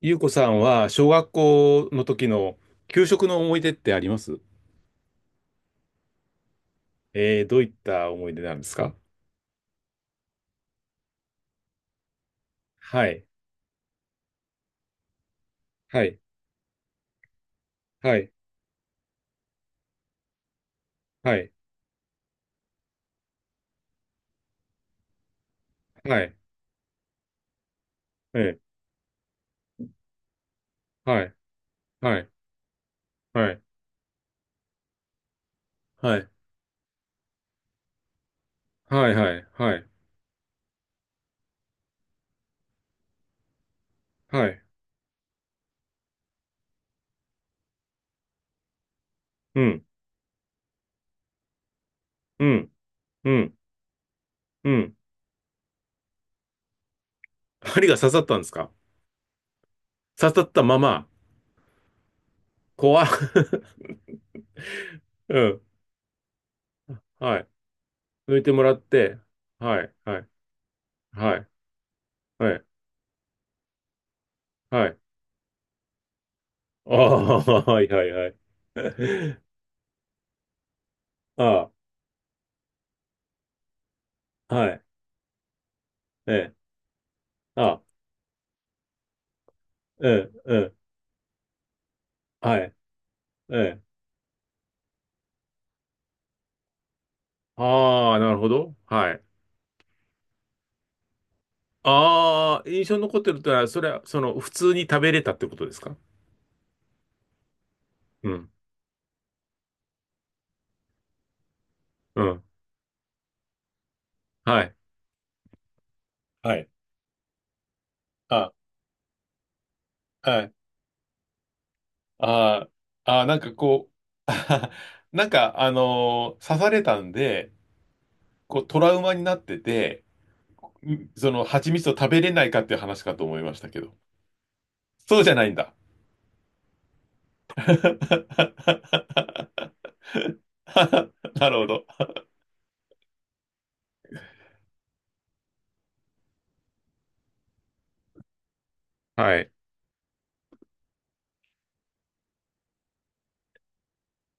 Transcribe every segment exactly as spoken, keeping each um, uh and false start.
ゆうこさんは小学校の時の給食の思い出ってあります？えー、どういった思い出なんですか？はい。はい。はい。はい。はい。えーはい。はい。はい。はい。はい。はい。はい。はい。うん。うん。うん。うん。針が刺さったんですか？刺さったまま、怖っ。 うん。はい。抜いてもらって、はい。はい。はい。はい。はい。ああ、はい。はい。はい。ああ、はい。ええ。あ、うん、うん、はい、うん。ああ、なるほど。はい。ああ、印象に残ってるってのは、それは、その、普通に食べれたってことですか？うん。うん。はい。はい。あ、はい。あーあー、なんかこう、なんか、あのー刺されたんで、こう、トラウマになってて、んその、蜂蜜を食べれないかっていう話かと思いましたけど。そうじゃないんだ。なるほど。はい。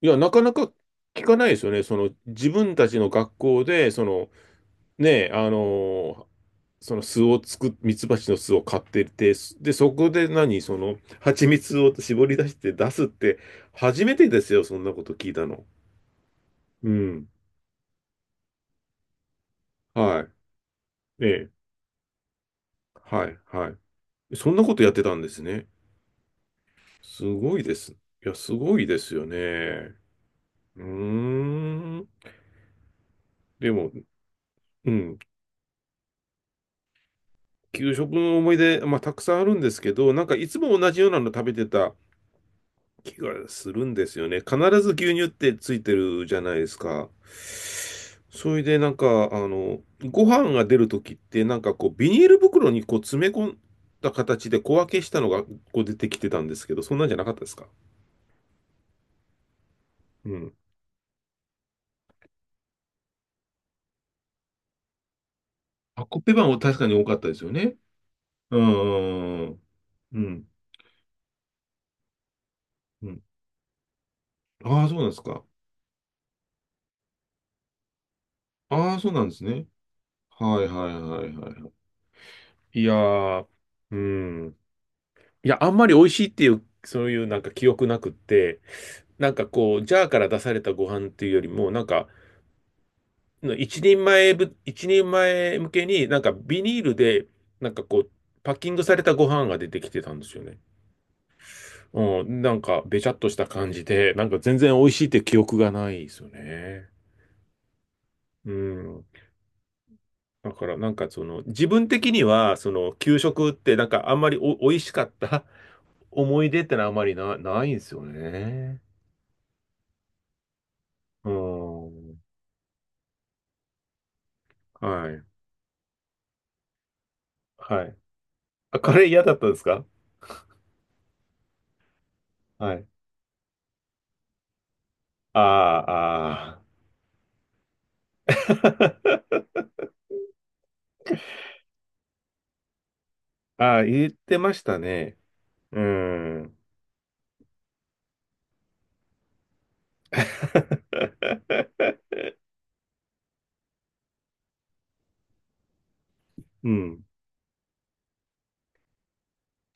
いや、なかなか聞かないですよね。その自分たちの学校で、そのね、あのーその巣を作っ、ミツバチの巣を買ってて、で、そこで何、その蜂蜜を絞り出して出すって、初めてですよ、そんなこと聞いたの。うん。はい。ええ。はい。はい。そんなことやってたんですね。すごいです。いや、すごいですよね。うーん。でも、うん。給食の思い出、まあ、たくさんあるんですけど、なんかいつも同じようなの食べてた気がするんですよね。必ず牛乳ってついてるじゃないですか。それでなんか、あの、ご飯が出るときって、なんかこう、ビニール袋にこう詰め込んだ形で小分けしたのがこう出てきてたんですけど、そんなんじゃなかったですか？うん。あ、コッペパンは確かに多かったですよね。うん。うん。うん。うん。ああ、そうなんですか。ああ、そうなんですね。はいはいはいはいはい。いやー、うん。いや、あんまり美味しいっていう、そういうなんか記憶なくって、なんかこう、ジャーから出されたご飯っていうよりも、なんか、一人前ぶ、一人前向けになんかビニールで、なんかこう、パッキングされたご飯が出てきてたんですよね。うん、なんかべちゃっとした感じで、なんか全然美味しいって記憶がないですよね。うん。だからなんかその、自分的には、その、給食ってなんかあんまりお、美味しかった思い出ってのはあまりな、ないんですよね。うん。はい。はい。あ、カレー嫌だったんですか？はい。あーあー。ああ、言ってましたね。うん。うん。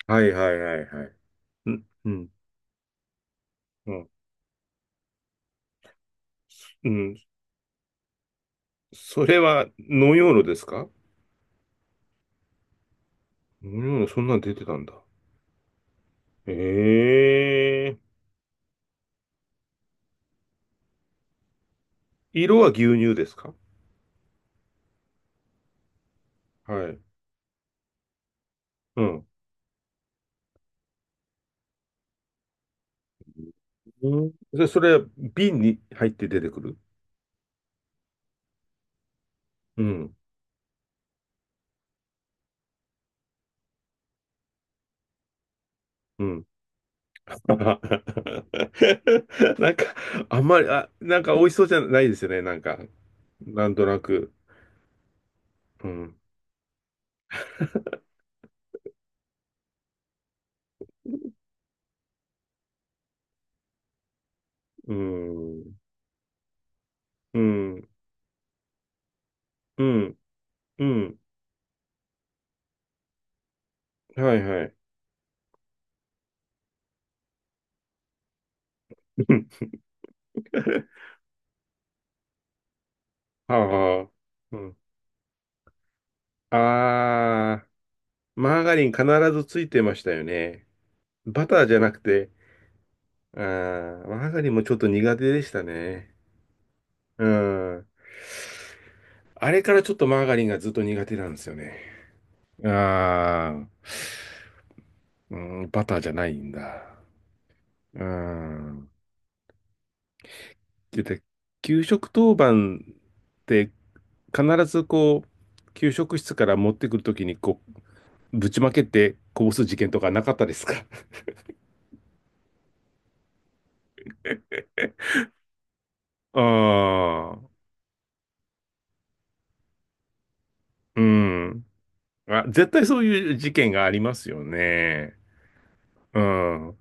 はいはいはいはい。うん、うん、うん。うん。それは、ノ用炉ですか？ノ用炉そんなん出てたんだ。ええ。色は牛乳ですか？はい。うん。うん。で、それ、瓶に入って出てくる。うん。うん。なんか、あんまり、あ、なんか美味しそうじゃないですよね。なんか、なんとなく。うん。うん。うん。うん。うん。はいはい。うん。 はあ。うん。あー、マーガリン必ずついてましたよね。バターじゃなくて、あー、マーガリンもちょっと苦手でしたね。うん。あれからちょっとマーガリンがずっと苦手なんですよね。ああ、うん、バターじゃないんだ。うん。で、給食当番って必ずこう、給食室から持ってくるときにこう、ぶちまけてこぼす事件とかなかったですか？ ああ、うん。あ、絶対そういう事件がありますよね。うん。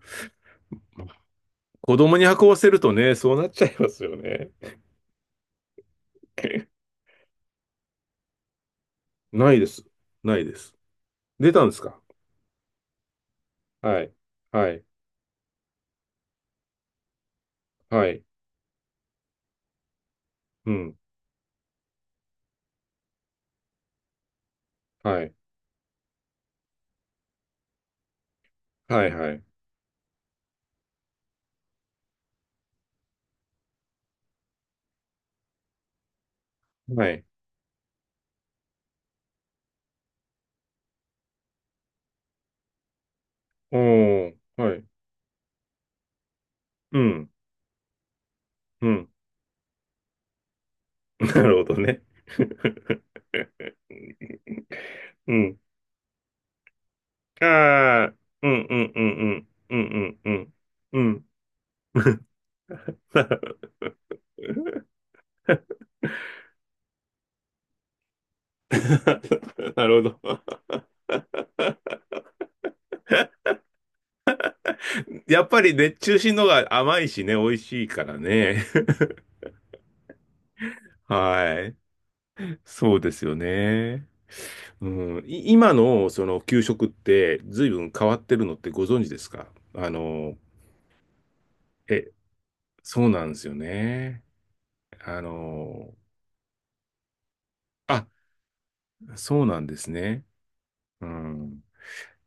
子供に運ばせるとね、そうなっちゃいますよね。ないです。ないです。出たんですか？はい。はい。はい。うん。はい。はいはい。はい。おー、はい。うん、うん。なるほどね。うん。ああ、うんうんうんうん。うんうんうん。うん。なるほど。やっぱり熱中しのが甘いしね、美味しいからね。はい。そうですよね。うん、い今のその給食って随分変わってるのってご存知ですか？あの、え、そうなんですよね。あの、あ、そうなんですね。うん。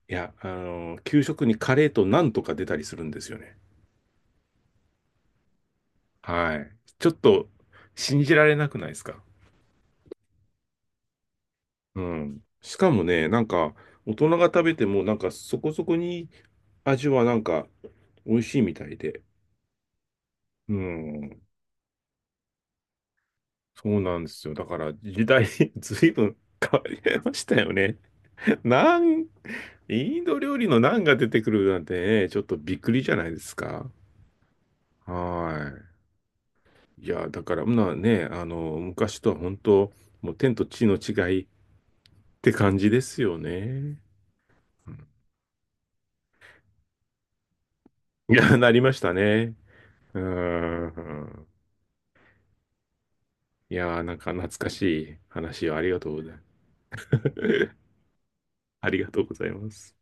いや、あの、給食にカレーとなんとか出たりするんですよね。はい。ちょっと信じられなくないですか。うん。しかもね、なんか、大人が食べても、なんかそこそこに味はなんか美味しいみたいで。うん。そうなんですよ。だから時代 ずいぶん 変わりましたよね。なん、インド料理のナンが出てくるなんてね、ちょっとびっくりじゃないですか。はい。いや、だから、まあね、あの、昔とは本当、もう天と地の違いって感じですよね。うん。いや、なりましたね。うーん。いや、なんか懐かしい話をありがとうございます。ありがとうございます。